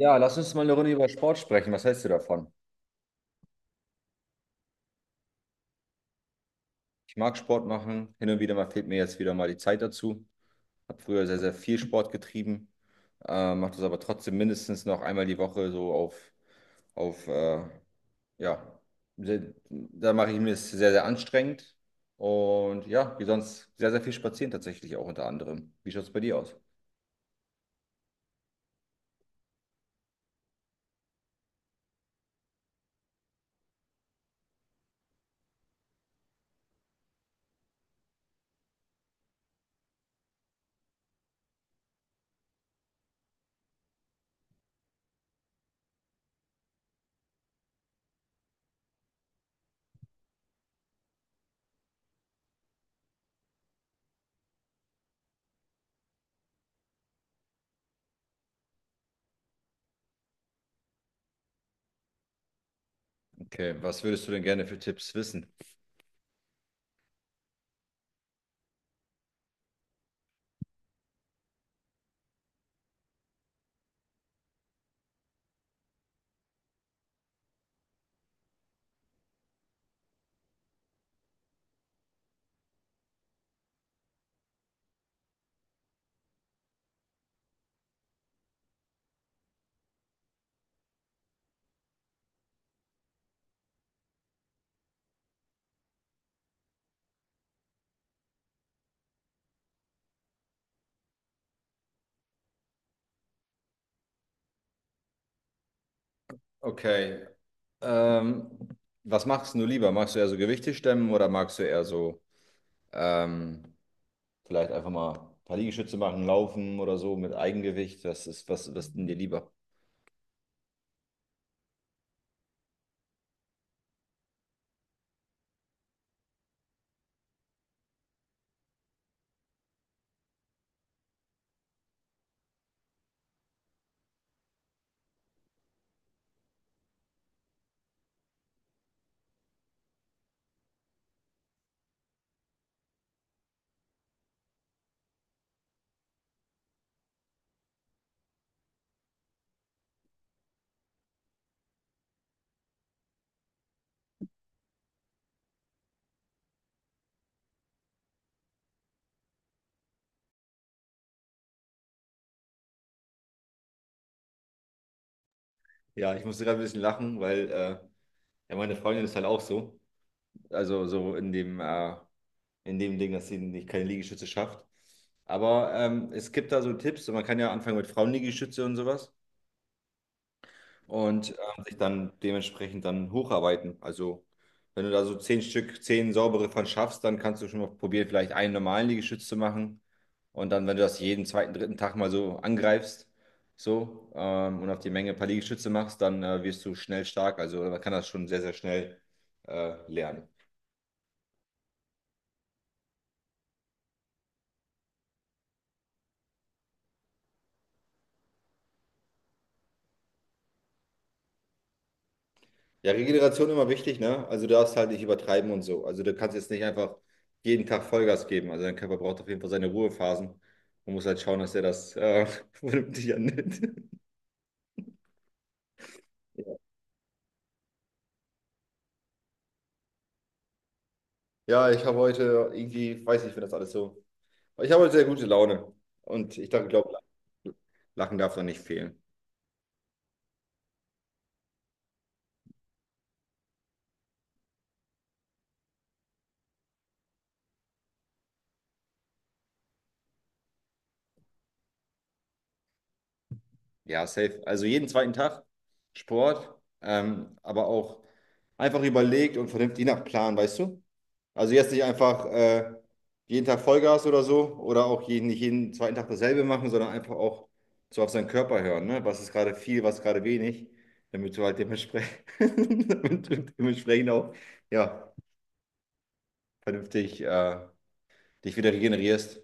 Ja, lass uns mal eine Runde über Sport sprechen. Was hältst du davon? Ich mag Sport machen. Hin und wieder mal fehlt mir jetzt wieder mal die Zeit dazu. Habe früher sehr, sehr viel Sport getrieben. Mache das aber trotzdem mindestens noch einmal die Woche so auf, auf äh, ja, sehr, da mache ich mir es sehr, sehr anstrengend. Und ja, wie sonst sehr, sehr viel spazieren tatsächlich auch unter anderem. Wie schaut es bei dir aus? Okay, was würdest du denn gerne für Tipps wissen? Okay, ähm, was machst du lieber? Magst du eher so Gewichte stemmen oder magst du eher so. Ähm, Vielleicht einfach mal ein paar Liegestütze machen, laufen oder so mit Eigengewicht. Das ist was, was denn dir lieber? Ja, ich musste gerade ein bisschen lachen, weil ja, meine Freundin ist halt auch so. Also so in dem Ding, dass sie nicht keine Liegestütze schafft. Aber es gibt da so Tipps und man kann ja anfangen mit Frauenliegestütze und sowas. Und sich dann dementsprechend dann hocharbeiten. Also wenn du da so zehn Stück, zehn saubere von schaffst, dann kannst du schon mal probieren, vielleicht einen normalen Liegestütz zu machen. Und dann, wenn du das jeden zweiten, dritten Tag mal so angreifst, so, und auf die Menge ein paar Liegestütze machst, dann wirst du schnell stark. Also man kann das schon sehr, sehr schnell lernen. Ja, Regeneration immer wichtig, ne? Also du darfst halt nicht übertreiben und so. Also du kannst jetzt nicht einfach jeden Tag Vollgas geben. Also dein Körper braucht auf jeden Fall seine Ruhephasen und muss halt schauen, dass er das vernünftig annimmt. Ja, ich habe heute irgendwie, weiß nicht, wenn das alles so. Ich habe heute sehr gute Laune und ich dachte, glaube, Lachen darf da nicht fehlen. Ja, safe. Also jeden zweiten Tag Sport, aber auch einfach überlegt und vernünftig nach Plan, weißt du? Also jetzt nicht einfach jeden Tag Vollgas oder so oder auch jeden, nicht jeden zweiten Tag dasselbe machen, sondern einfach auch so auf seinen Körper hören, ne? Was ist gerade viel, was ist gerade wenig, damit du halt dementsprechend, damit du dementsprechend auch ja, vernünftig dich wieder regenerierst.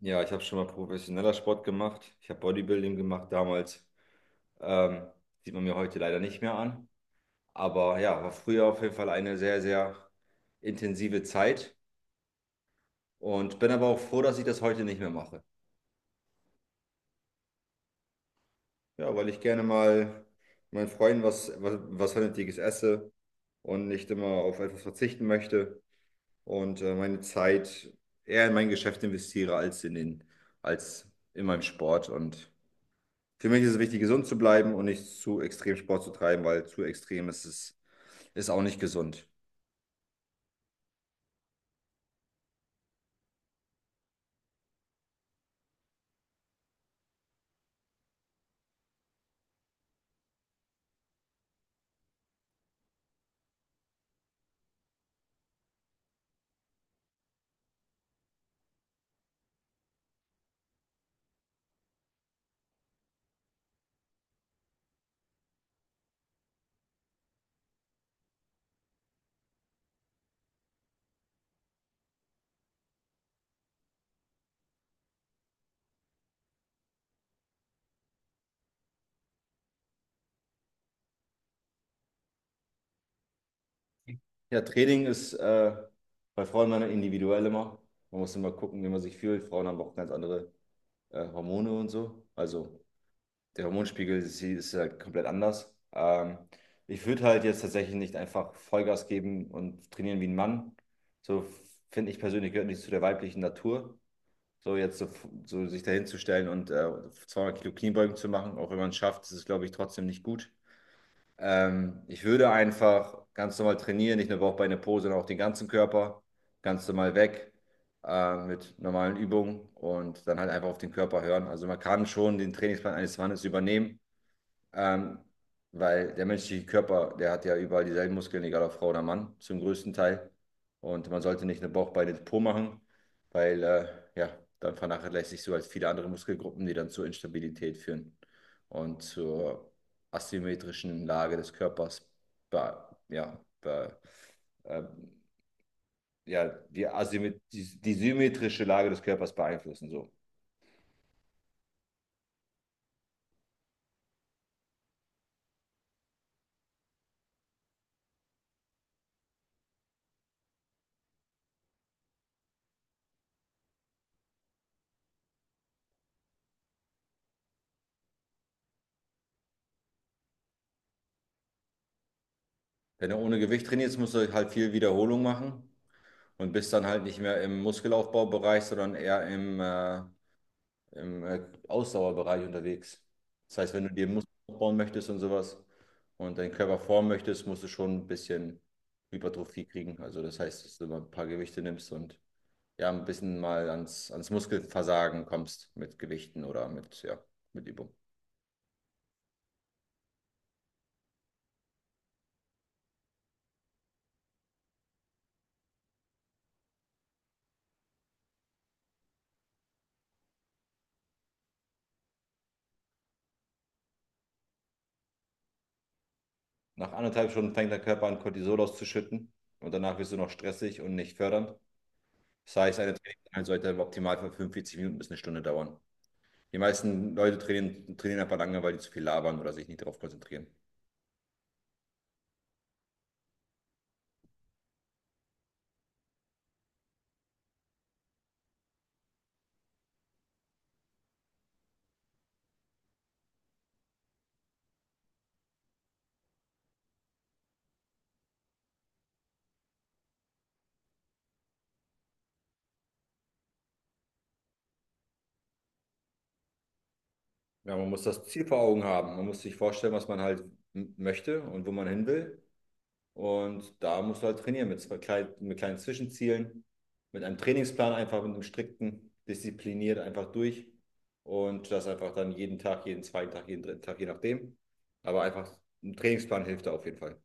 Ja, ich habe schon mal professioneller Sport gemacht. Ich habe Bodybuilding gemacht damals. Ähm, Sieht man mir heute leider nicht mehr an. Aber ja, war früher auf jeden Fall eine sehr, sehr intensive Zeit. Und bin aber auch froh, dass ich das heute nicht mehr mache. Ja, weil ich gerne mal meinen Freunden was Vernünftiges esse und nicht immer auf etwas verzichten möchte und meine Zeit eher in mein Geschäft investiere als in als meinem Sport. Und für mich ist es wichtig, gesund zu bleiben und nicht zu extrem Sport zu treiben, weil zu extrem ist ist auch nicht gesund. Ja, Training ist bei Frauen immer individuell immer. Man muss immer gucken, wie man sich fühlt. Frauen haben auch ganz andere Hormone und so. Also der Hormonspiegel ist halt komplett anders. Ich würde halt jetzt tatsächlich nicht einfach Vollgas geben und trainieren wie ein Mann. So finde ich persönlich gehört nicht zu der weiblichen Natur. So jetzt sich dahin zu stellen und 200 Kilo Kniebeugen zu machen, auch wenn man es schafft, ist es, glaube ich, trotzdem nicht gut. Ich würde einfach ganz normal trainieren, nicht nur Bauch, Beine, Po, sondern auch den ganzen Körper, ganz normal weg mit normalen Übungen und dann halt einfach auf den Körper hören. Also man kann schon den Trainingsplan eines Mannes übernehmen, ähm, weil der menschliche Körper, der hat ja überall dieselben Muskeln, egal ob Frau oder Mann, zum größten Teil. Und man sollte nicht eine Bauchbeine Po machen, weil ja, dann vernachlässigst du halt viele andere Muskelgruppen, die dann zur Instabilität führen und zur asymmetrischen Lage des Körpers. Be ja, be ähm, ja, die, asymmet die, die symmetrische Lage des Körpers beeinflussen. So. Wenn du ohne Gewicht trainierst, musst du halt viel Wiederholung machen. Und bist dann halt nicht mehr im Muskelaufbaubereich, sondern eher im Ausdauerbereich unterwegs. Das heißt, wenn du dir Muskeln aufbauen möchtest und sowas und deinen Körper formen möchtest, musst du schon ein bisschen Hypertrophie kriegen. Also das heißt, dass du mal ein paar Gewichte nimmst und ja, ein bisschen mal ans Muskelversagen kommst mit Gewichten oder mit, ja, mit Übung. Nach anderthalb Stunden fängt der Körper an, Cortisol auszuschütten und danach wirst du noch stressig und nicht fördernd. Das heißt, eine Trainingseinheit sollte im Optimalfall 45 Minuten bis eine Stunde dauern. Die meisten Leute trainieren einfach lange, weil die zu viel labern oder sich nicht darauf konzentrieren. Ja, man muss das Ziel vor Augen haben. Man muss sich vorstellen, was man halt möchte und wo man hin will. Und da musst du halt trainieren mit kleinen Zwischenzielen, mit einem Trainingsplan einfach, mit einem strikten, diszipliniert einfach durch. Und das einfach dann jeden Tag, jeden zweiten Tag, jeden dritten Tag, je nachdem. Aber einfach ein Trainingsplan hilft da auf jeden Fall.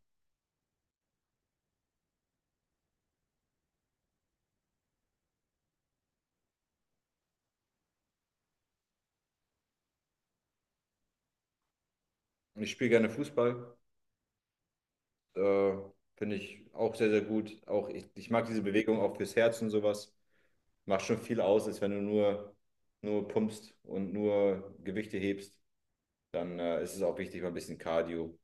Ich spiele gerne Fußball. Äh, Finde ich auch sehr, sehr gut. Auch ich mag diese Bewegung auch fürs Herz und sowas. Macht schon viel aus, als wenn du nur pumpst und nur Gewichte hebst. Dann ist es auch wichtig, mal ein bisschen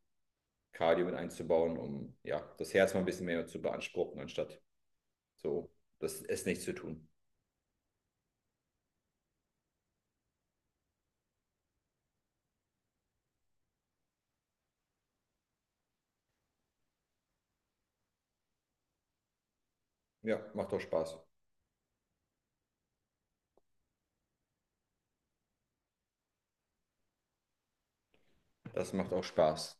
Cardio mit einzubauen, um ja, das Herz mal ein bisschen mehr zu beanspruchen, anstatt so das es nicht zu tun. Ja, macht auch Spaß. Das macht auch Spaß.